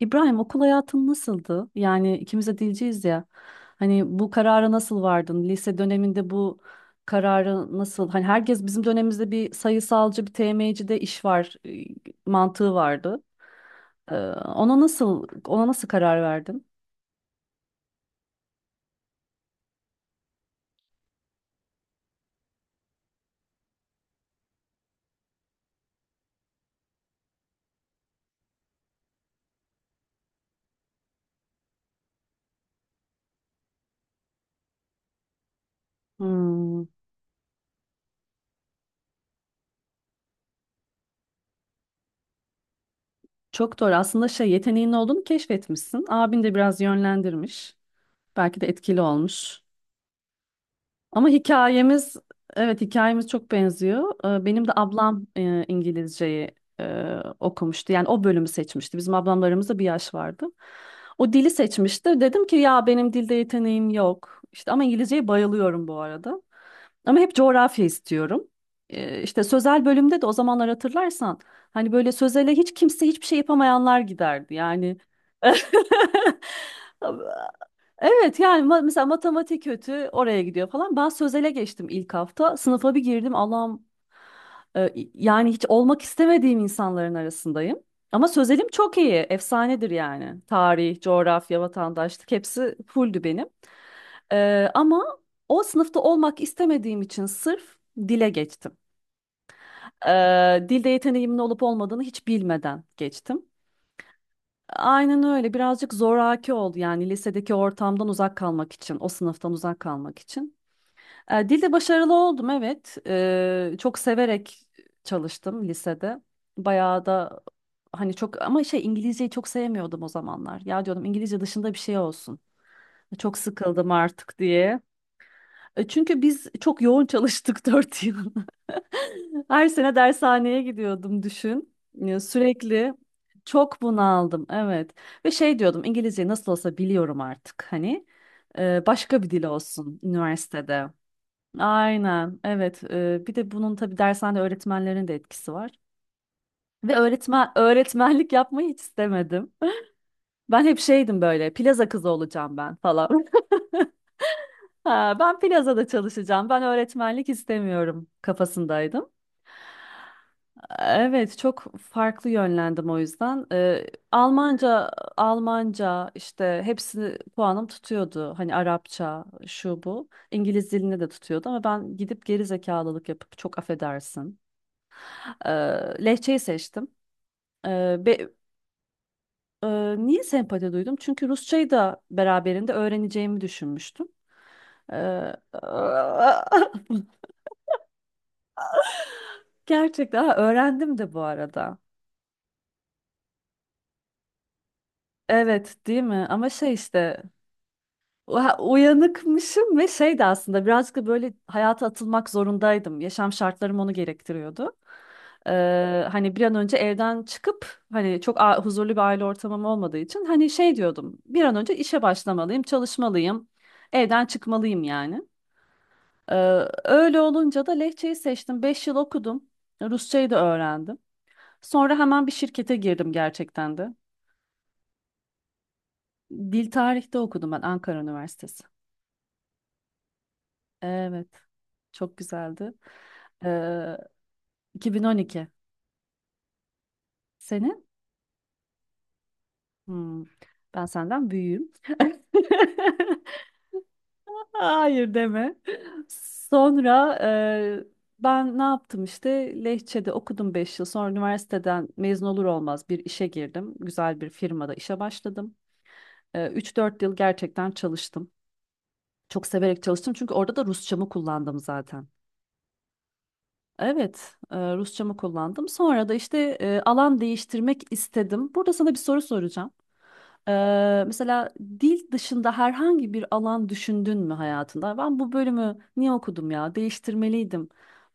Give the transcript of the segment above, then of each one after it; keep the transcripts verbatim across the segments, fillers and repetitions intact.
İbrahim okul hayatın nasıldı? Yani ikimiz de dilciyiz ya. Hani bu karara nasıl vardın? Lise döneminde bu kararı nasıl? Hani herkes bizim dönemimizde bir sayısalcı, bir T M'ci de iş var e, mantığı vardı. Ee, ona nasıl ona nasıl karar verdin? Hmm, Çok doğru. Aslında şey yeteneğin olduğunu keşfetmişsin. Abin de biraz yönlendirmiş. Belki de etkili olmuş. Ama hikayemiz evet hikayemiz çok benziyor. Ee, Benim de ablam e, İngilizceyi e, okumuştu. Yani o bölümü seçmişti. Bizim ablamlarımızda bir yaş vardı. O dili seçmişti. Dedim ki ya benim dilde yeteneğim yok. İşte ama İngilizceye bayılıyorum bu arada. Ama hep coğrafya istiyorum. Ee, İşte sözel bölümde de o zamanlar hatırlarsan hani böyle sözele hiç kimse hiçbir şey yapamayanlar giderdi. Yani Evet yani ma- mesela matematik kötü oraya gidiyor falan. Ben sözele geçtim ilk hafta. Sınıfa bir girdim Allah'ım, e, yani hiç olmak istemediğim insanların arasındayım. Ama sözelim çok iyi. Efsanedir yani. Tarih, coğrafya, vatandaşlık hepsi fulldü benim. E, ama o sınıfta olmak istemediğim için sırf dile geçtim. E, Dilde yeteneğimin olup olmadığını hiç bilmeden geçtim. Aynen öyle. Birazcık zoraki oldu yani lisedeki ortamdan uzak kalmak için, o sınıftan uzak kalmak için. E, dilde başarılı oldum, evet. E, çok severek çalıştım lisede. Bayağı da hani çok ama şey İngilizceyi çok sevmiyordum o zamanlar. Ya diyordum İngilizce dışında bir şey olsun. Çok sıkıldım artık diye. E, Çünkü biz çok yoğun çalıştık dört yıl. Her sene dershaneye gidiyordum, düşün. Ya, Sürekli çok bunaldım, evet. Ve şey diyordum, İngilizceyi nasıl olsa biliyorum artık hani. E, başka bir dil olsun üniversitede. Aynen, evet. E, bir de bunun tabii dershane öğretmenlerin de etkisi var. Ve öğretmen öğretmenlik yapmayı hiç istemedim. Ben hep şeydim, böyle plaza kızı olacağım ben falan. Ha, ben plazada çalışacağım. Ben öğretmenlik istemiyorum kafasındaydım. Evet, çok farklı yönlendim o yüzden. Ee, Almanca, Almanca işte hepsini puanım tutuyordu. Hani Arapça, şu bu. İngiliz dilini de tutuyordu ama ben gidip geri zekalılık yapıp, çok affedersin, Ee, Lehçeyi seçtim. Ee, be- e, Niye sempati duydum? Çünkü Rusçayı da beraberinde öğreneceğimi düşünmüştüm. Ee, Gerçekten ha, öğrendim de bu arada. Evet, değil mi? Ama şey işte ha, uyanıkmışım ve şey de aslında birazcık da böyle hayata atılmak zorundaydım. Yaşam şartlarım onu gerektiriyordu. Ee, hani bir an önce evden çıkıp, hani çok a- huzurlu bir aile ortamım olmadığı için, hani şey diyordum, bir an önce işe başlamalıyım, çalışmalıyım. Evden çıkmalıyım yani. Ee, Öyle olunca da Lehçeyi seçtim. Beş yıl okudum. Rusçayı da öğrendim. Sonra hemen bir şirkete girdim gerçekten de. Dil tarihte okudum ben, Ankara Üniversitesi. Evet. Çok güzeldi. Ee, iki bin on iki. Senin? Hmm, Ben senden büyüğüm. Hayır, deme. Sonra e, ben ne yaptım işte, Lehçe'de okudum beş yıl. Sonra üniversiteden mezun olur olmaz bir işe girdim. Güzel bir firmada işe başladım. E, Üç dört yıl gerçekten çalıştım. Çok severek çalıştım çünkü orada da Rusçamı kullandım zaten. Evet, e, Rusçamı kullandım. Sonra da işte e, alan değiştirmek istedim. Burada sana bir soru soracağım. E, mesela dil dışında herhangi bir alan düşündün mü hayatında? Ben bu bölümü niye okudum ya? Değiştirmeliydim.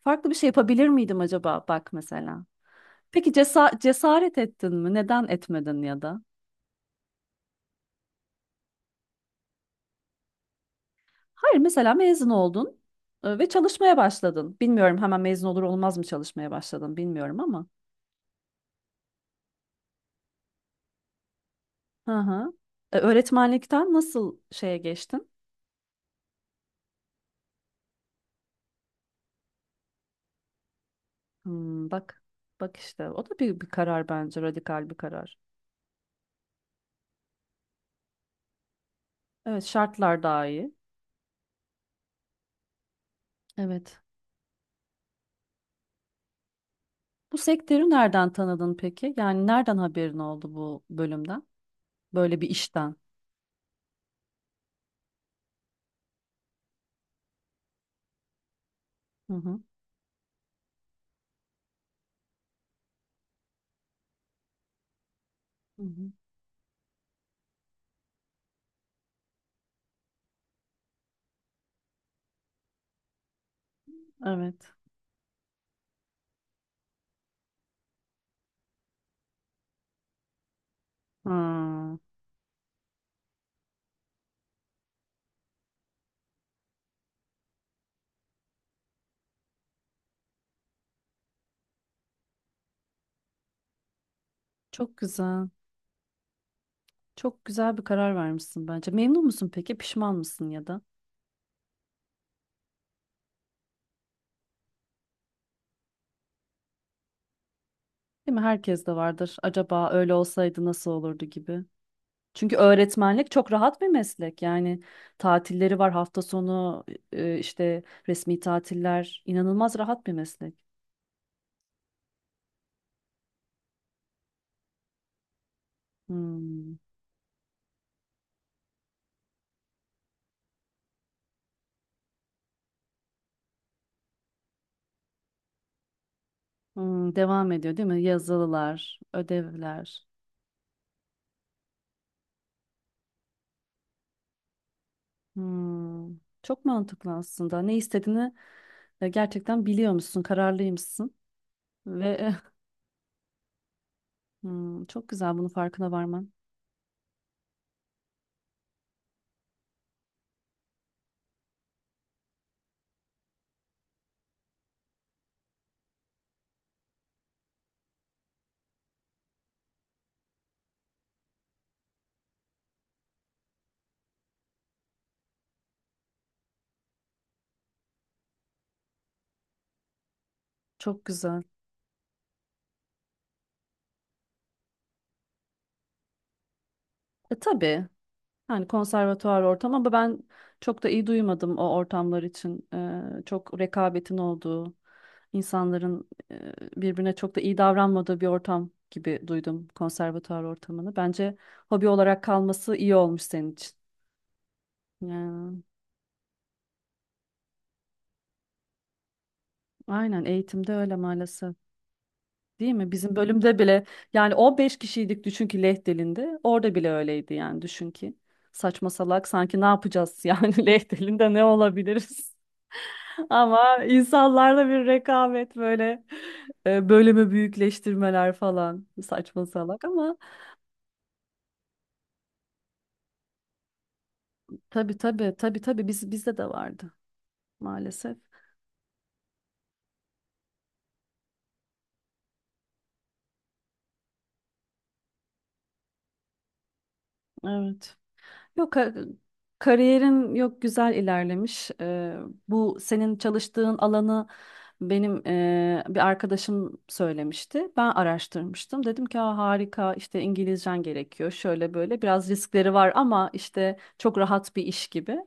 Farklı bir şey yapabilir miydim acaba? Bak mesela. Peki cesa- cesaret ettin mi? Neden etmedin ya da? Hayır, mesela mezun oldun e, ve çalışmaya başladın. Bilmiyorum hemen mezun olur olmaz mı çalışmaya başladın bilmiyorum ama. Hı hı. E, Öğretmenlikten nasıl şeye geçtin? Hmm, bak bak işte, o da bir, bir karar, bence radikal bir karar. Evet, şartlar daha iyi. Evet. Bu sektörü nereden tanıdın peki? Yani nereden haberin oldu bu bölümden? Böyle bir işten. Hı hı. Hı hı. Evet. Hmm, Çok güzel. Çok güzel bir karar vermişsin bence. Memnun musun peki? Pişman mısın ya da? Değil mi? Herkes de vardır. Acaba öyle olsaydı nasıl olurdu gibi. Çünkü öğretmenlik çok rahat bir meslek. Yani tatilleri var, hafta sonu e, işte resmi tatiller, inanılmaz rahat bir meslek. Hmm. Hmm, devam ediyor değil mi? Yazılılar, ödevler. Hmm. Çok mantıklı aslında. Ne istediğini e, gerçekten biliyormuşsun, kararlıymışsın ve Hmm, çok güzel bunu farkına varman. Çok güzel. E tabii. Yani konservatuvar ortam ama ben çok da iyi duymadım o ortamlar için. Ee, çok rekabetin olduğu, insanların e, birbirine çok da iyi davranmadığı bir ortam gibi duydum konservatuvar ortamını. Bence hobi olarak kalması iyi olmuş senin için. Yani, aynen, eğitimde öyle maalesef. Değil mi? Bizim bölümde bile yani on beş kişiydik, düşün ki Leh dilinde. Orada bile öyleydi yani, düşün ki. Saçma salak, sanki ne yapacağız yani, Leh dilinde ne olabiliriz? Ama insanlarda bir rekabet, böyle e, bölümü büyükleştirmeler falan, saçma salak ama tabii, tabii, tabii, tabii, biz bizde de vardı maalesef. Evet. Yok ka- kariyerim, yok güzel ilerlemiş. Ee, bu senin çalıştığın alanı benim e, bir arkadaşım söylemişti. Ben araştırmıştım. Dedim ki, "Aa, harika işte, İngilizcen gerekiyor. Şöyle böyle biraz riskleri var ama işte çok rahat bir iş gibi."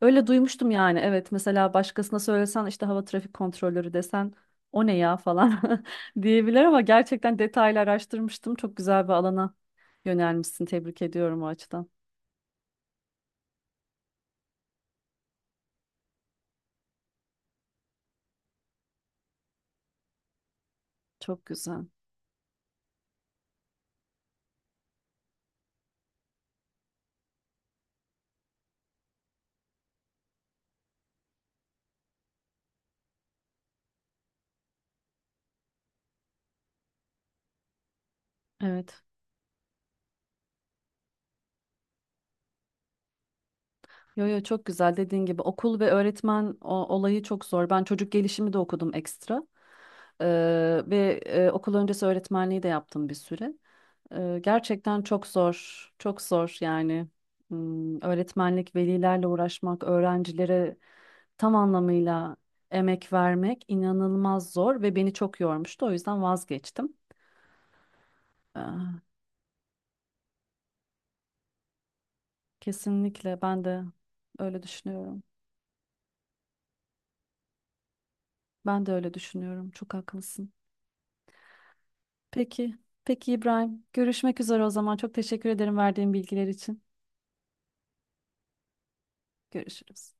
Öyle duymuştum yani. Evet, mesela başkasına söylesen işte hava trafik kontrolörü desen, o ne ya falan diyebilir ama gerçekten detaylı araştırmıştım. Çok güzel bir alana yönelmişsin. Tebrik ediyorum o açıdan. Çok güzel. Evet. Yo, yo, çok güzel, dediğin gibi okul ve öğretmen o- olayı çok zor. Ben çocuk gelişimi de okudum ekstra. Ee, ve e, okul öncesi öğretmenliği de yaptım bir süre. Ee, gerçekten çok zor. Çok zor yani. Hmm, öğretmenlik, velilerle uğraşmak, öğrencilere tam anlamıyla emek vermek inanılmaz zor ve beni çok yormuştu. O yüzden vazgeçtim. Ee, Kesinlikle ben de öyle düşünüyorum. Ben de öyle düşünüyorum. Çok haklısın. Peki. Peki İbrahim. Görüşmek üzere o zaman. Çok teşekkür ederim verdiğin bilgiler için. Görüşürüz.